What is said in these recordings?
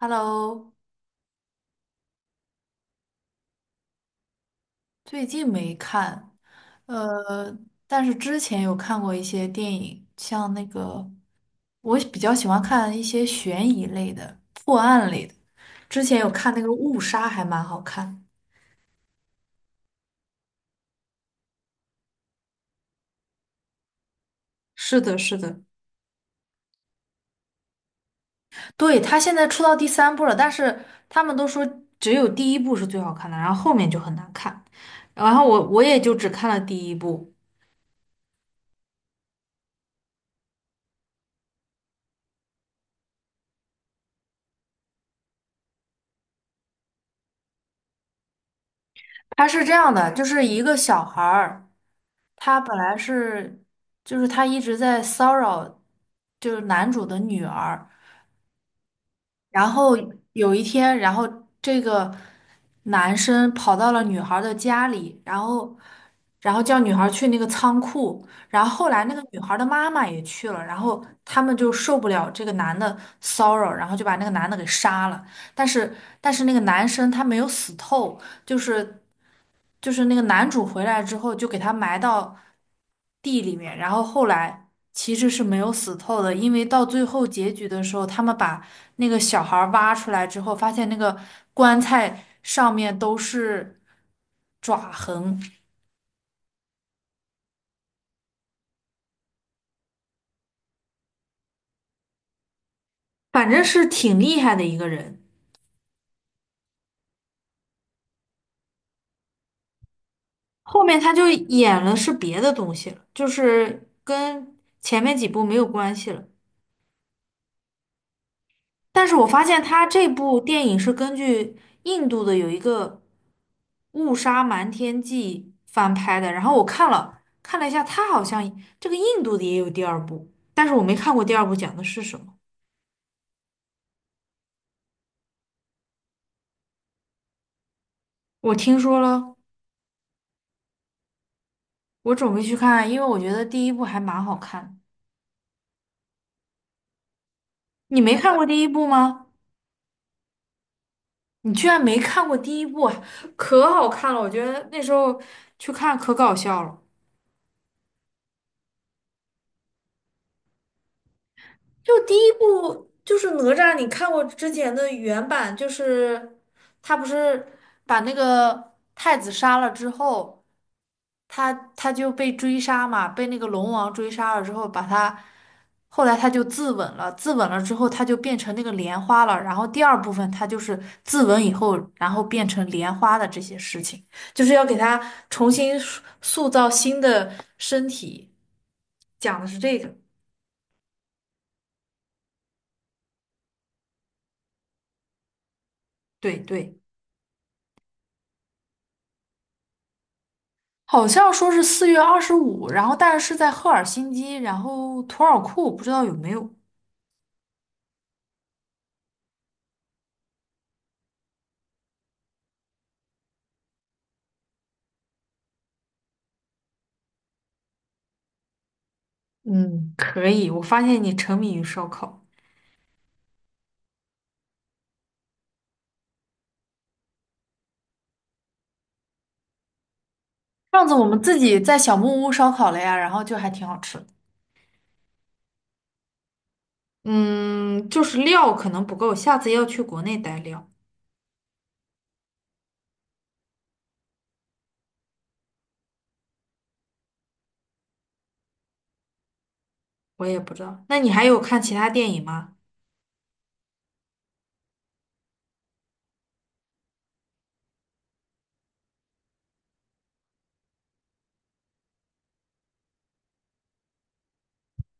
Hello，最近没看，呃，但是之前有看过一些电影，像那个我比较喜欢看一些悬疑类的、破案类的。之前有看那个《误杀》，还蛮好看。是的，是的，对，它现在出到第三部了，但是他们都说只有第一部是最好看的，然后后面就很难看。然后我也就只看了第一部。它是这样的，就是一个小孩儿。他本来是，就是他一直在骚扰，就是男主的女儿。然后有一天，然后这个男生跑到了女孩儿的家里，然后叫女孩儿去那个仓库。然后后来那个女孩儿的妈妈也去了，然后他们就受不了这个男的骚扰，然后就把那个男的给杀了。但是，但是那个男生他没有死透，就是。就是那个男主回来之后就给他埋到地里面，然后后来其实是没有死透的，因为到最后结局的时候，他们把那个小孩儿挖出来之后，发现那个棺材上面都是爪痕，反正是挺厉害的一个人。后面他就演了是别的东西了，就是跟前面几部没有关系了。但是我发现他这部电影是根据印度的有一个《误杀瞒天记》翻拍的，然后我看了一下，他好像这个印度的也有第二部，但是我没看过第二部讲的是什么。我听说了，我准备去看，因为我觉得第一部还蛮好看。你没看过第一部吗？你居然没看过第一部啊，可好看了！我觉得那时候去看可搞笑了。就第一部就是哪吒，你看过之前的原版，就是他不是把那个太子杀了之后，他就被追杀嘛，被那个龙王追杀了之后，后来他就自刎了，自刎了之后他就变成那个莲花了，然后第二部分他就是自刎以后，然后变成莲花的这些事情，就是要给他重新塑造新的身体，讲的是这个，对对。好像说是4月25，然后但是是在赫尔辛基，然后图尔库，不知道有没有。嗯，可以，我发现你沉迷于烧烤。上次我们自己在小木屋烧烤了呀，然后就还挺好吃的。嗯，就是料可能不够，下次要去国内带料。我也不知道，那你还有看其他电影吗？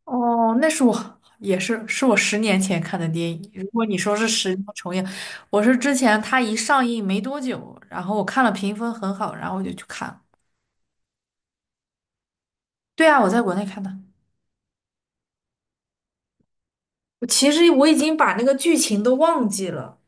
哦，那是我也是我10年前看的电影。如果你说是10年重映，我是之前它一上映没多久，然后我看了评分很好，然后我就去看了。对啊，我在国内看的。我其实我已经把那个剧情都忘记了。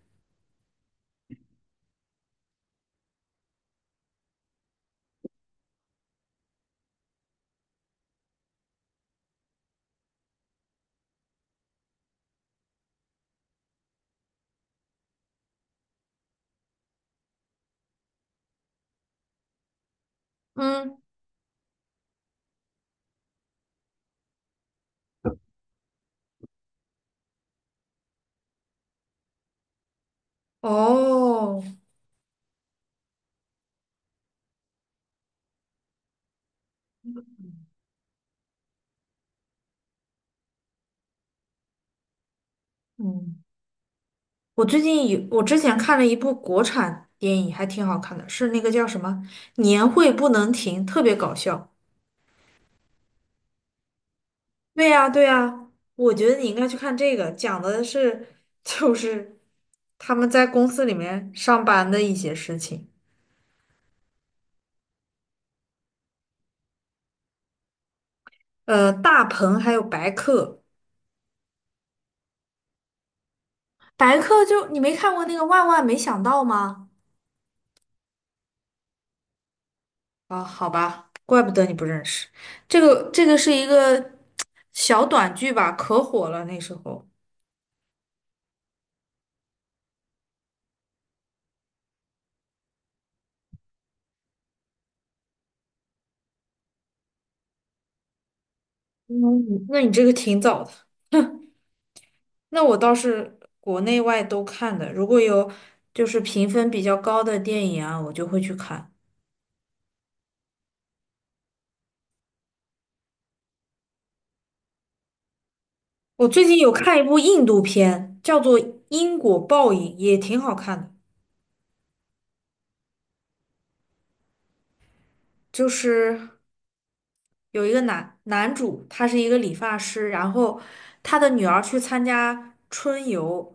嗯，哦，嗯，我最近有，我之前看了一部国产电影，还挺好看的，是那个叫什么《年会不能停》，特别搞笑。对呀，对呀，我觉得你应该去看这个，讲的是就是他们在公司里面上班的一些事情。大鹏还有白客，白客就你没看过那个《万万没想到》吗？啊，好吧，怪不得你不认识。这个是一个小短剧吧，可火了那时候。嗯，那你这个挺早的。那我倒是国内外都看的，如果有就是评分比较高的电影啊，我就会去看。我最近有看一部印度片，叫做《因果报应》，也挺好看的。就是有一个男主，他是一个理发师，然后他的女儿去参加春游。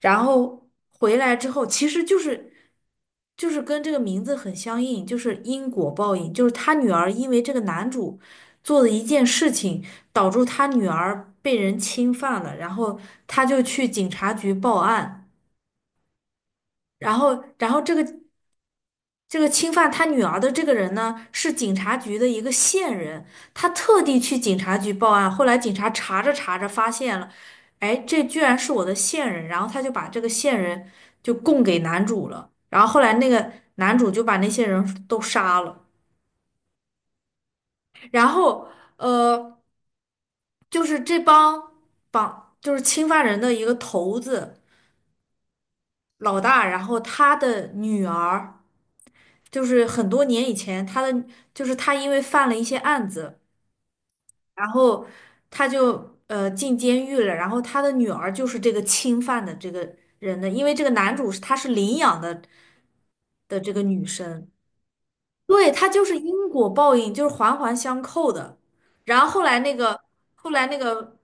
然后回来之后，其实就是跟这个名字很相应，就是因果报应，就是他女儿因为这个男主做的一件事情，导致他女儿被人侵犯了，然后他就去警察局报案，然后这个侵犯他女儿的这个人呢，是警察局的一个线人，他特地去警察局报案。后来警察查着查着发现了，哎，这居然是我的线人，然后他就把这个线人就供给男主了。然后后来那个男主就把那些人都杀了。然后呃，就是这帮就是侵犯人的一个头子老大，然后他的女儿，就是很多年以前他的就是他因为犯了一些案子。然后他就进监狱了，然后他的女儿就是这个侵犯的这个人的，因为这个男主是他是领养的这个女生，对，他就是因果报应，就是环环相扣的。然后后来那个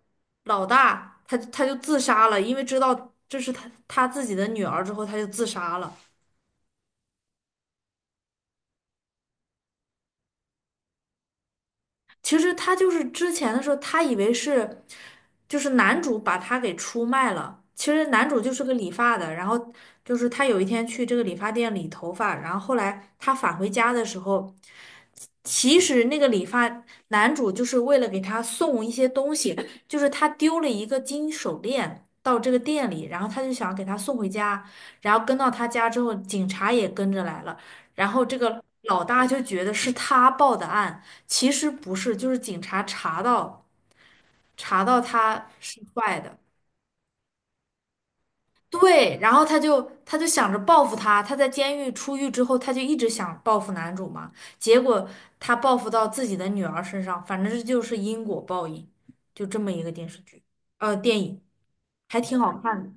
老大他就自杀了，因为知道这是他自己的女儿之后，他就自杀了。其实他就是之前的时候，他以为是，就是男主把他给出卖了。其实男主就是个理发的，然后就是他有一天去这个理发店理头发，然后后来他返回家的时候，其实那个理发男主就是为了给他送一些东西，就是他丢了一个金手链到这个店里，然后他就想给他送回家，然后跟到他家之后，警察也跟着来了，然后这个老大就觉得是他报的案。其实不是，就是警察查到他是坏的，对，然后他就想着报复他，他在监狱出狱之后，他就一直想报复男主嘛，结果他报复到自己的女儿身上，反正这就是因果报应，就这么一个电视剧，电影还挺好看的。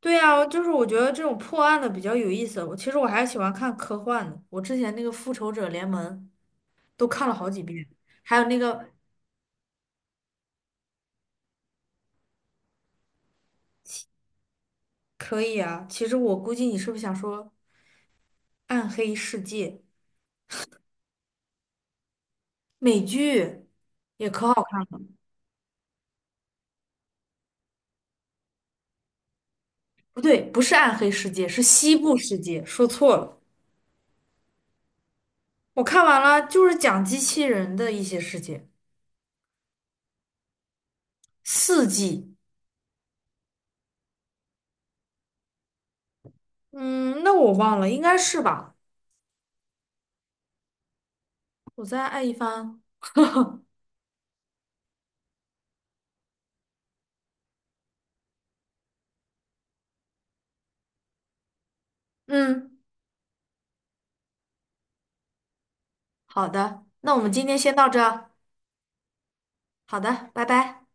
对啊，就是我觉得这种破案的比较有意思，我其实我还喜欢看科幻的，我之前那个《复仇者联盟》都看了好几遍。还有那个可以啊，其实我估计你是不是想说暗黑世界，美剧也可，不对，不是暗黑世界，是西部世界，说错了。我看完了，就是讲机器人的一些事情，4季，嗯，那我忘了，应该是吧？我再爱一番。嗯，好的，那我们今天先到这儿好的，拜拜。